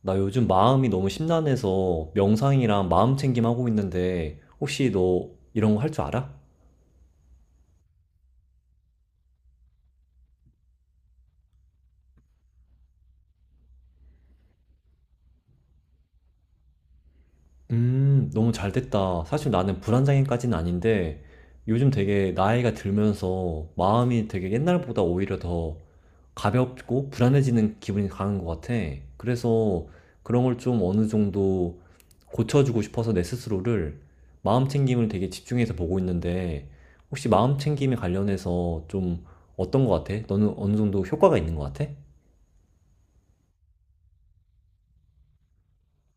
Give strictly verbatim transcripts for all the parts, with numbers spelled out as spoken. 나 요즘 마음이 너무 심란해서 명상이랑 마음 챙김 하고 있는데 혹시 너 이런 거 할 줄 알아? 음, 너무 잘 됐다. 사실 나는 불안장애까지는 아닌데, 요즘 되게 나이가 들면서 마음이 되게 옛날보다 오히려 더 가볍고 불안해지는 기분이 강한 것 같아. 그래서 그런 걸 좀 어느 정도 고쳐주고 싶어서 내 스스로를 마음 챙김을 되게 집중해서 보고 있는데, 혹시 마음 챙김에 관련해서 좀 어떤 것 같아? 너는 어느 정도 효과가 있는 것 같아?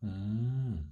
음.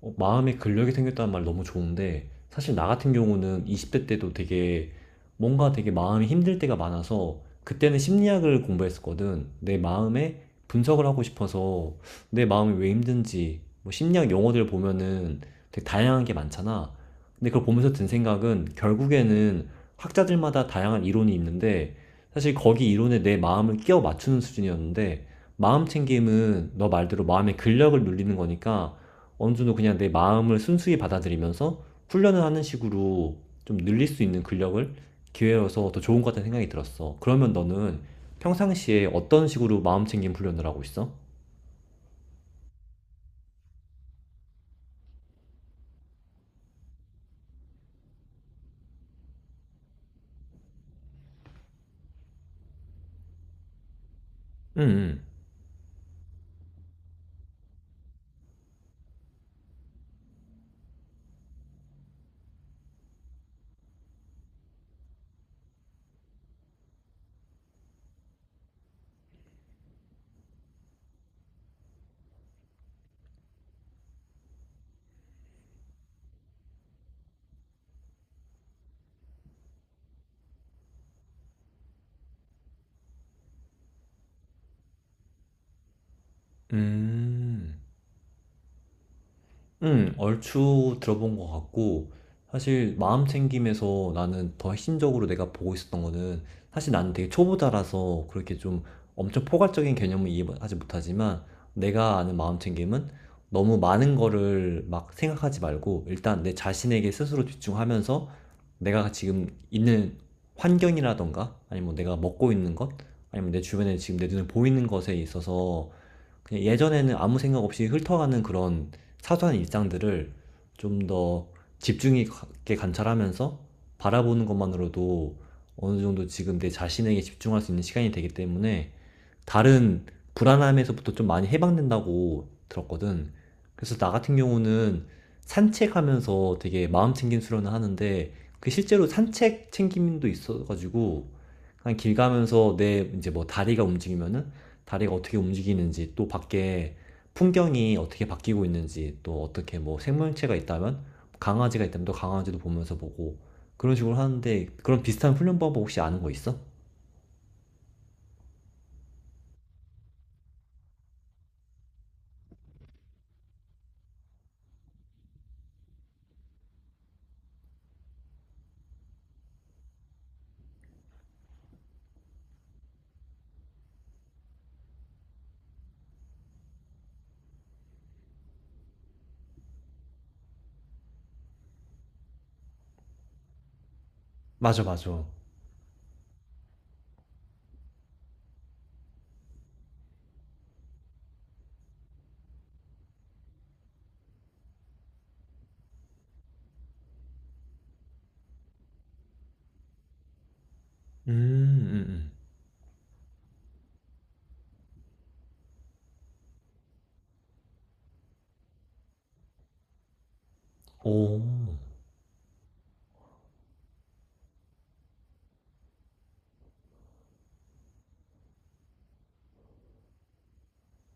어, 마음의 근력이 생겼다는 말 너무 좋은데 사실 나 같은 경우는 이십 대 때도 되게 뭔가 되게 마음이 힘들 때가 많아서 그때는 심리학을 공부했었거든. 내 마음에 분석을 하고 싶어서 내 마음이 왜 힘든지 뭐 심리학 용어들 보면은 되게 다양한 게 많잖아. 근데 그걸 보면서 든 생각은 결국에는 학자들마다 다양한 이론이 있는데 사실 거기 이론에 내 마음을 끼워 맞추는 수준이었는데 마음 챙김은 너 말대로 마음의 근력을 눌리는 거니까 어느 정도 그냥 내 마음을 순수히 받아들이면서 훈련을 하는 식으로 좀 늘릴 수 있는 근력을 기회여서 더 좋은 것 같다는 생각이 들었어. 그러면 너는 평상시에 어떤 식으로 마음 챙김 훈련을 하고 있어? 음, 음. 음. 응, 얼추 들어본 것 같고, 사실 마음 챙김에서 나는 더 핵심적으로 내가 보고 있었던 거는, 사실 나는 되게 초보자라서 그렇게 좀 엄청 포괄적인 개념은 이해하지 못하지만, 내가 아는 마음 챙김은 너무 많은 거를 막 생각하지 말고, 일단 내 자신에게 스스로 집중하면서, 내가 지금 있는 환경이라던가, 아니면 내가 먹고 있는 것, 아니면 내 주변에 지금 내 눈에 보이는 것에 있어서 그냥 예전에는 아무 생각 없이 훑어가는 그런 사소한 일상들을 좀 더 집중 있게 관찰하면서 바라보는 것만으로도 어느 정도 지금 내 자신에게 집중할 수 있는 시간이 되기 때문에 다른 불안함에서부터 좀 많이 해방된다고 들었거든. 그래서 나 같은 경우는 산책하면서 되게 마음 챙김 수련을 하는데 그 실제로 산책 챙김도 있어가지고 그냥 길 가면서 내 이제 뭐 다리가 움직이면은 다리가 어떻게 움직이는지 또 밖에 풍경이 어떻게 바뀌고 있는지 또 어떻게 뭐 생명체가 있다면 뭐 강아지가 있다면 또 강아지도 보면서 보고 그런 식으로 하는데 그런 비슷한 훈련 방법 혹시 아는 거 있어? 맞아, 맞아. 음, 음, 음. 오,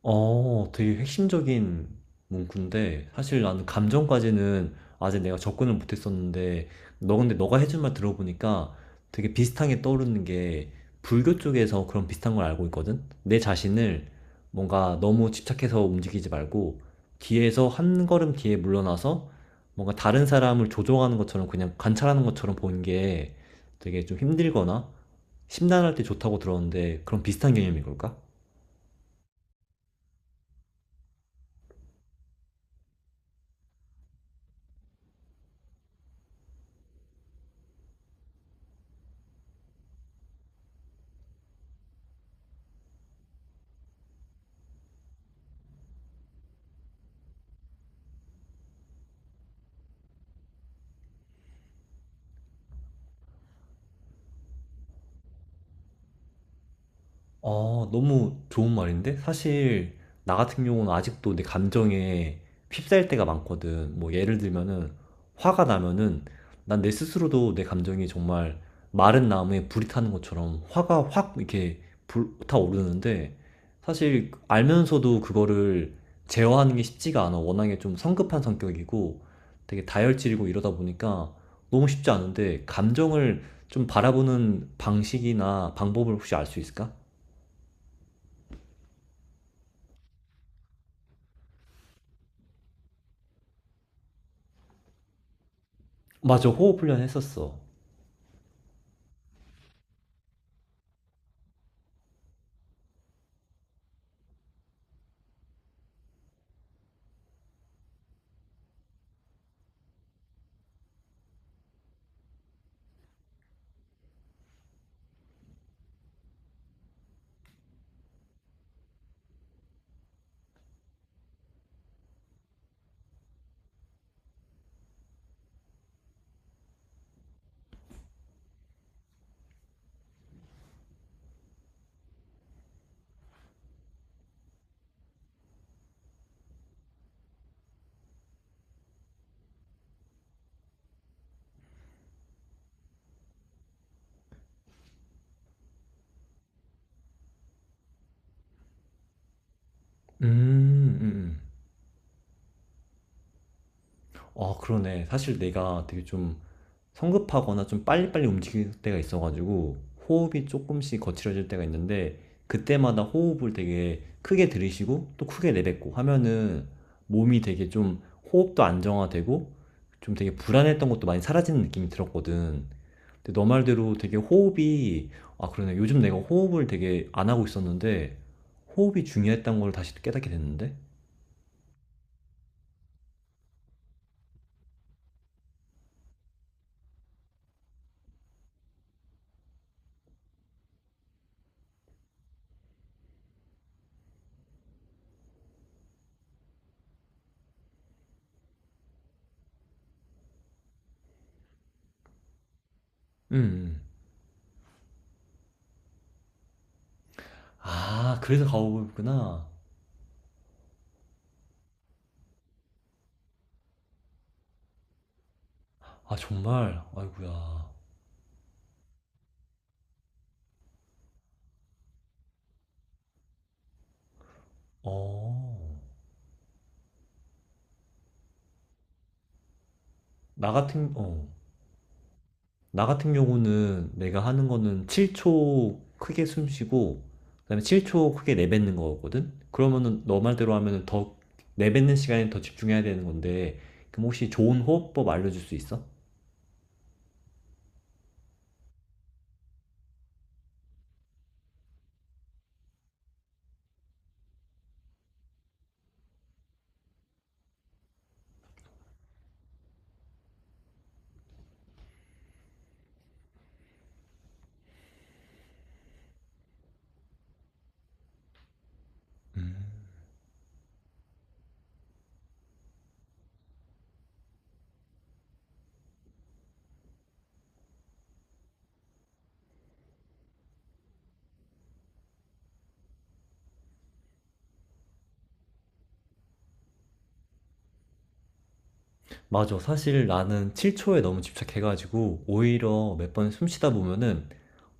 어, 되게 핵심적인 문구인데, 사실 나는 감정까지는 아직 내가 접근을 못했었는데, 너 근데 너가 해준 말 들어보니까 되게 비슷한 게 떠오르는 게, 불교 쪽에서 그런 비슷한 걸 알고 있거든? 내 자신을 뭔가 너무 집착해서 움직이지 말고, 뒤에서 한 걸음 뒤에 물러나서 뭔가 다른 사람을 조종하는 것처럼 그냥 관찰하는 것처럼 보는 게 되게 좀 힘들거나 심란할 때 좋다고 들었는데, 그런 비슷한 개념인 걸까? 아, 너무 좋은 말인데? 사실, 나 같은 경우는 아직도 내 감정에 휩싸일 때가 많거든. 뭐, 예를 들면은, 화가 나면은, 난 내 스스로도 내 감정이 정말 마른 나무에 불이 타는 것처럼 화가 확 이렇게 불타오르는데, 사실, 알면서도 그거를 제어하는 게 쉽지가 않아. 워낙에 좀 성급한 성격이고, 되게 다혈질이고 이러다 보니까 너무 쉽지 않은데, 감정을 좀 바라보는 방식이나 방법을 혹시 알 수 있을까? 맞아, 호흡 훈련 했었어. 음, 음, 음. 아, 그러네. 사실 내가 되게 좀 성급하거나 좀 빨리빨리 움직일 때가 있어가지고 호흡이 조금씩 거칠어질 때가 있는데 그때마다 호흡을 되게 크게 들이쉬고 또 크게 내뱉고 하면은 몸이 되게 좀 호흡도 안정화되고 좀 되게 불안했던 것도 많이 사라지는 느낌이 들었거든. 근데 너 말대로 되게 호흡이 아, 그러네. 요즘 내가 호흡을 되게 안 하고 있었는데 호흡이 중요했던 걸 다시 또 깨닫게 됐는데? 음, 음. 아, 그래서 가오였구나. 아, 정말. 아이고야. 어. 나 같은 어. 나 같은 경우는 내가 하는 거는 칠 초 크게 숨 쉬고 그다음에 칠 초 크게 내뱉는 거거든. 그러면은 너 말대로 하면은 더 내뱉는 시간에 더 집중해야 되는 건데 그럼 혹시 좋은 호흡법 알려줄 수 있어? 맞아. 사실 나는 칠 초에 너무 집착해가지고 오히려 몇 번 숨 쉬다 보면은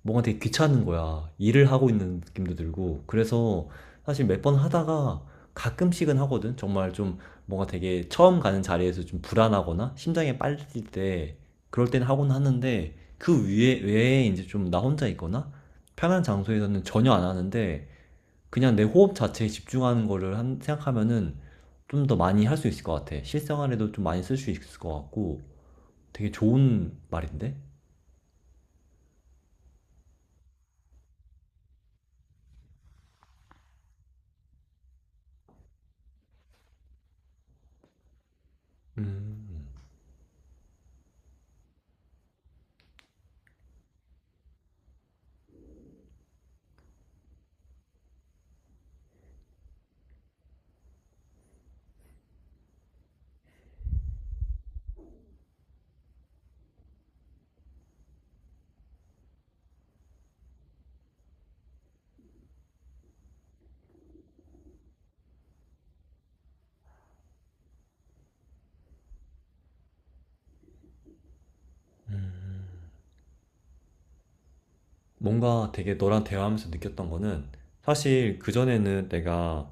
뭔가 되게 귀찮은 거야. 일을 하고 있는 느낌도 들고. 그래서 사실 몇 번 하다가 가끔씩은 하거든. 정말 좀 뭔가 되게 처음 가는 자리에서 좀 불안하거나 심장이 빨리 때 그럴 땐 하곤 하는데 그 위에, 외에 이제 좀 나 혼자 있거나 편한 장소에서는 전혀 안 하는데 그냥 내 호흡 자체에 집중하는 거를 한, 생각하면은 좀 더 많이 할 수 있을 것 같아. 실생활에도 좀 많이 쓸 수 있을 것 같고 되게 좋은 말인데? 음. 뭔가 되게 너랑 대화하면서 느꼈던 거는 사실 그전에는 내가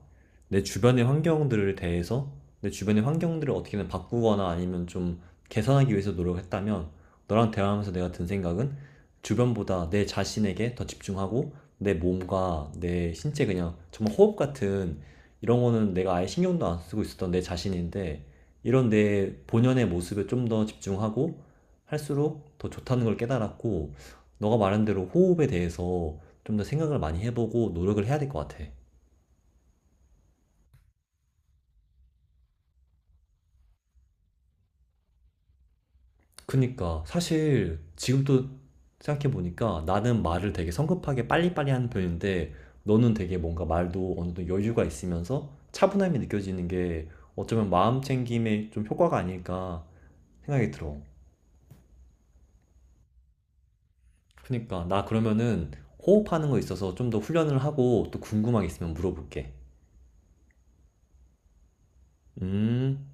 내 주변의 환경들을 대해서 내 주변의 환경들을 어떻게든 바꾸거나 아니면 좀 개선하기 위해서 노력했다면 너랑 대화하면서 내가 든 생각은 주변보다 내 자신에게 더 집중하고 내 몸과 내 신체 그냥 정말 호흡 같은 이런 거는 내가 아예 신경도 안 쓰고 있었던 내 자신인데 이런 내 본연의 모습에 좀 더 집중하고 할수록 더 좋다는 걸 깨달았고 너가 말한 대로 호흡에 대해서 좀 더 생각을 많이 해보고 노력을 해야 될 것 같아. 그니까 사실 지금 또 생각해보니까 나는 말을 되게 성급하게 빨리빨리 하는 편인데 너는 되게 뭔가 말도 어느 정도 여유가 있으면서 차분함이 느껴지는 게 어쩌면 마음 챙김에 좀 효과가 아닐까 생각이 들어. 그니까 나 그러면은 호흡하는 거 있어서 좀 더 훈련을 하고 또 궁금한 게 있으면 물어볼게. 음.